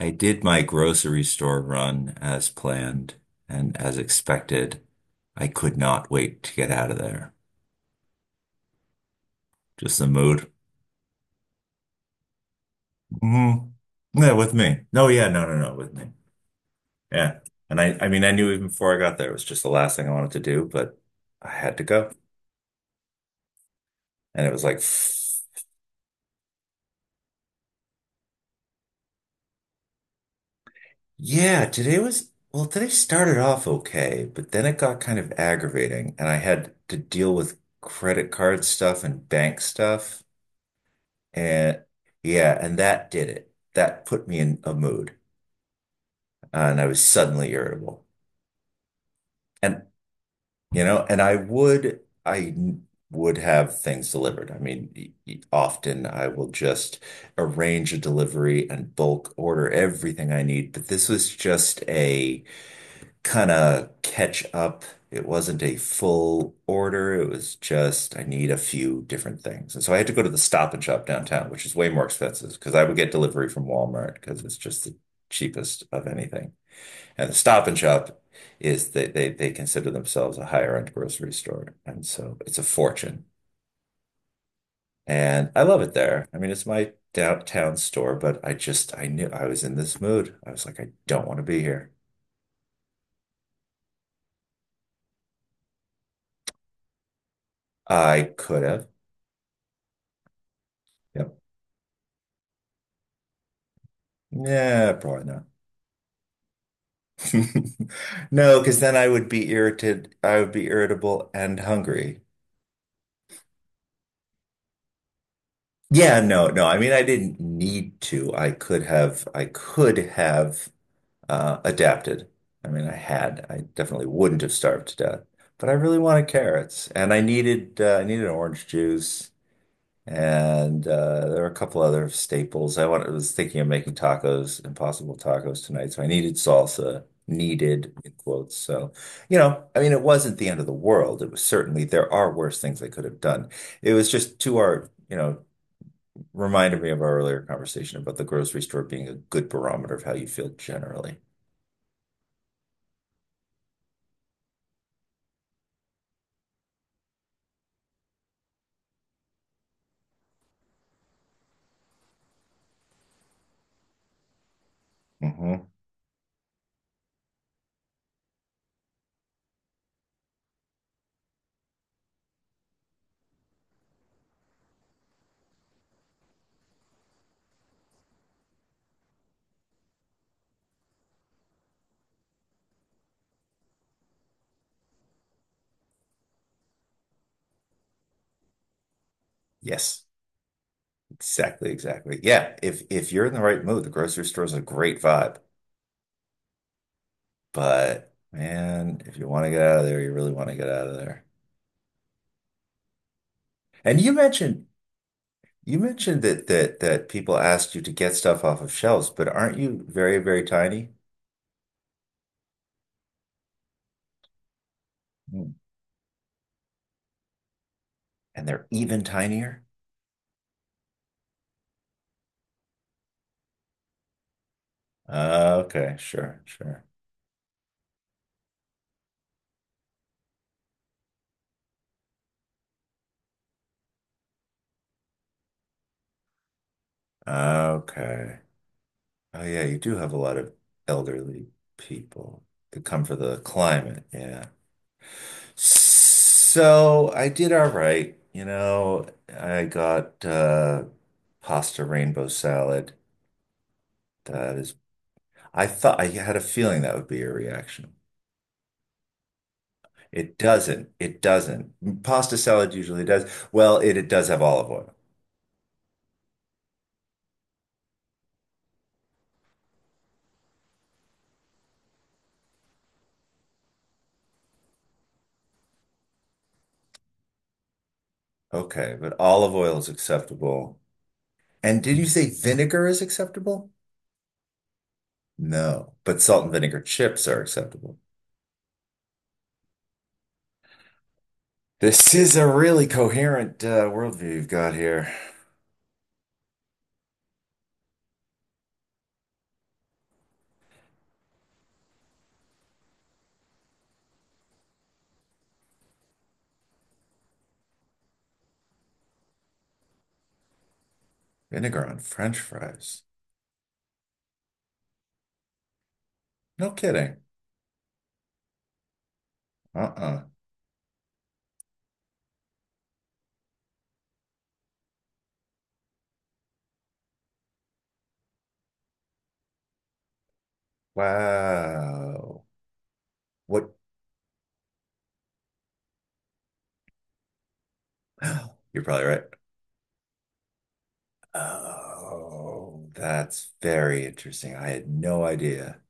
I did my grocery store run as planned and as expected. I could not wait to get out of there. Just the mood. Hmm. Yeah, with me. No, yeah, no, no, no, with me. Yeah. And I mean, I knew even before I got there, it was just the last thing I wanted to do, but I had to go. And it was like, yeah, well, today started off okay, but then it got kind of aggravating and I had to deal with credit card stuff and bank stuff. And yeah, and that did it. That put me in a mood, and I was suddenly irritable. And and I would have things delivered. I mean, often I will just arrange a delivery and bulk order everything I need, but this was just a kind of catch up. It wasn't a full order. It was just I need a few different things. And so I had to go to the Stop and Shop downtown, which is way more expensive because I would get delivery from Walmart because it's just the cheapest of anything. And the Stop and Shop is they consider themselves a higher end grocery store. And so it's a fortune. And I love it there. I mean, it's my downtown store, but I knew I was in this mood. I was like, I don't want to be here. I could have. Yep. Yeah, probably not. No, because then I would be irritated. I would be irritable and hungry. Yeah, no, no. I mean, I didn't need to. I could have. I could have adapted. I mean, I had. I definitely wouldn't have starved to death. But I really wanted carrots, and I needed. I needed orange juice. And there are a couple other staples. I was thinking of making tacos, impossible tacos tonight. So I needed salsa, needed in quotes. So, I mean, it wasn't the end of the world. It was certainly, there are worse things I could have done. It was just to our, reminded me of our earlier conversation about the grocery store being a good barometer of how you feel generally. Hmm. Yes, exactly, exactly. Yeah, if you're in the right mood, the grocery store is a great vibe. But man, if you want to get out of there, you really want to get out of there. And you mentioned that that people asked you to get stuff off of shelves, but aren't you very, very tiny? Mm. And they're even tinier? Okay, sure, sure. Okay. Oh yeah, you do have a lot of elderly people that come for the climate, yeah. So I did all right. You know, I got pasta rainbow salad. That is I thought I had a feeling that would be your reaction. It doesn't. It doesn't. Pasta salad usually does. Well, it does have olive oil. Okay, but olive oil is acceptable. And did you say vinegar is acceptable? No, but salt and vinegar chips are acceptable. This is a really coherent worldview you've got here. Vinegar on French fries. No kidding. Uh-uh. Wow. What? You're probably right. Oh, that's very interesting. I had no idea.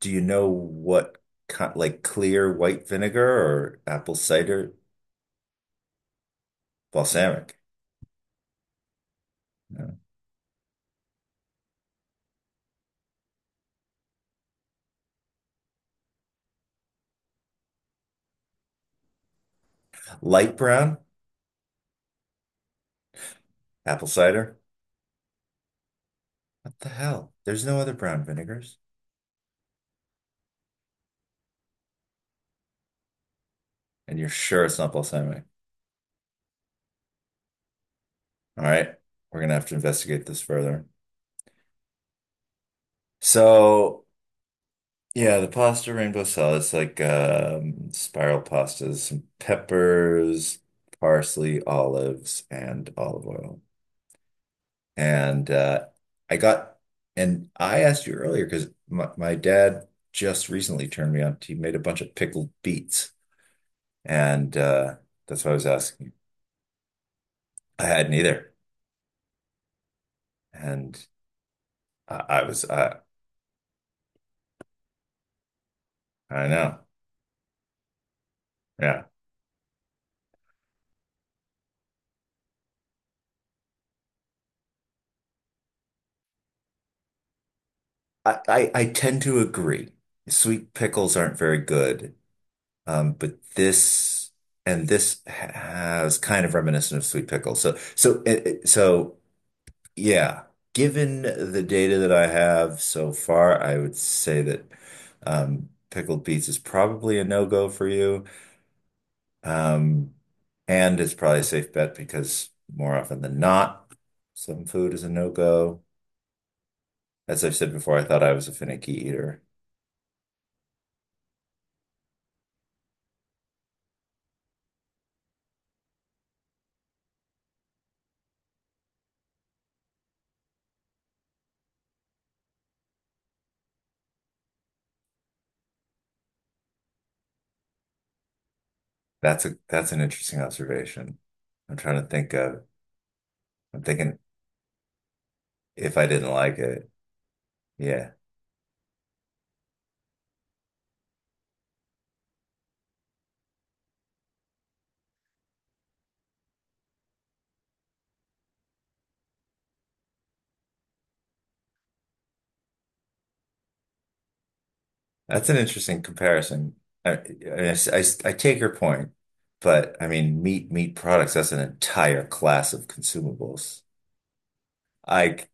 Do you know what kind, like clear white vinegar or apple cider balsamic? No. Light brown apple cider? What the hell? There's no other brown vinegars. And you're sure it's not balsamic. All right. We're gonna have to investigate this further. So, yeah, the pasta rainbow salad is like spiral pastas, some peppers, parsley, olives, and olive oil. And uh, I got, and I asked you earlier because my dad just recently turned me on. He made a bunch of pickled beets, and that's what I was asking you. I hadn't either, and I, I was, I, I know, yeah. I tend to agree. Sweet pickles aren't very good, but this and this has kind of reminiscent of sweet pickles. Yeah, given the data that I have so far, I would say that pickled beets is probably a no-go for you. Um, and it's probably a safe bet because more often than not, some food is a no-go. As I've said before, I thought I was a finicky eater. That's an interesting observation. I'm trying to think of, I'm thinking if I didn't like it. Yeah. That's an interesting comparison. I I I- I take your point, but I mean, meat products, that's an entire class of consumables. I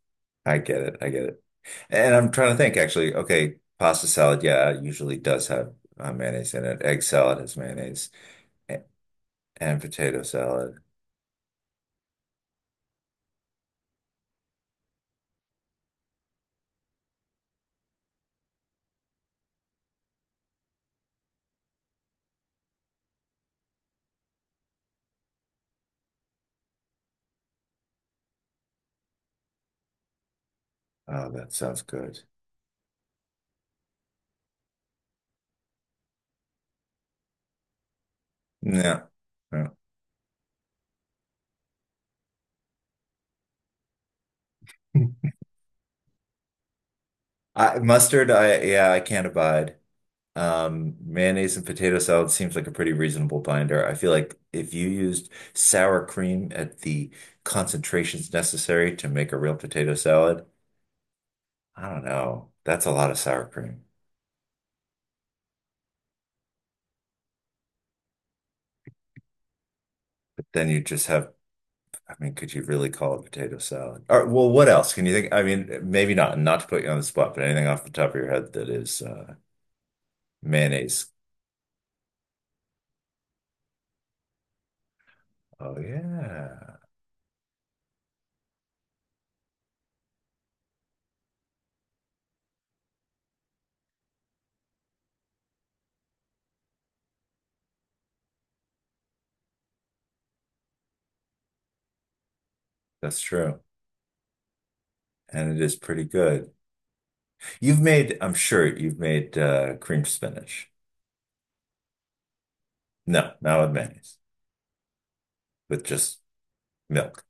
I get it. I get it. And I'm trying to think actually, okay, pasta salad, yeah, it usually does have mayonnaise in it. Egg salad has mayonnaise and, and potato salad. Oh, that sounds good. No. No. Mustard, I can't abide. Mayonnaise and potato salad seems like a pretty reasonable binder. I feel like if you used sour cream at the concentrations necessary to make a real potato salad, I don't know. That's a lot of sour cream. But then you just have, I mean, could you really call it potato salad? Or, well, what else can you think? I mean, maybe not, not to put you on the spot, but anything off the top of your head that is mayonnaise. Oh, yeah, that's true. And it is pretty good. I'm sure you've made cream spinach. No, not with mayonnaise, with just milk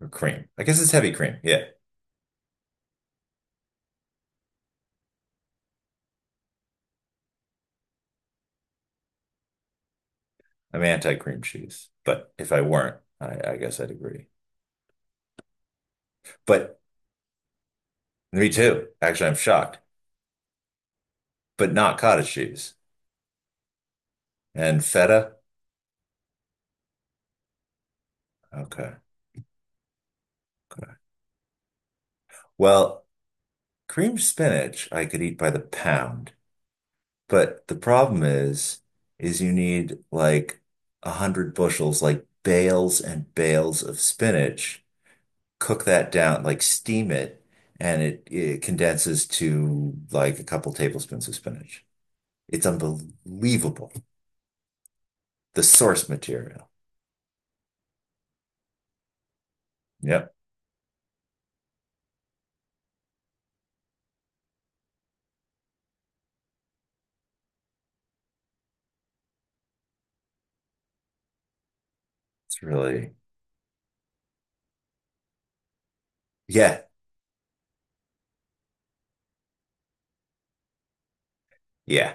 or cream. I guess it's heavy cream. Yeah. I'm anti-cream cheese. But if I weren't, I guess I'd agree. But me too. Actually, I'm shocked. But not cottage cheese and feta. Okay. Okay. Well, cream spinach I could eat by the pound. But the problem is you need like 100 bushels, like bales and bales of spinach cook that down, like steam it, and it condenses to like a couple tablespoons of spinach. It's unbelievable. The source material. Yep. It's really, yeah, yeah,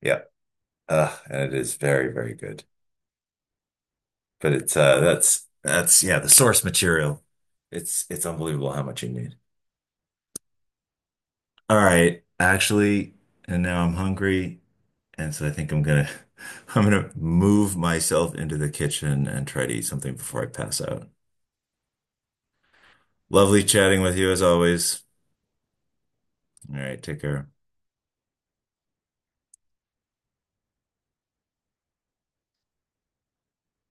yep. And it is very, very good. But it's that's, yeah, the source material. It's unbelievable how much you need. All right, actually, and now I'm hungry, and so I think I'm gonna I'm gonna move myself into the kitchen and try to eat something before I pass out. Lovely chatting with you as always. All right, take care.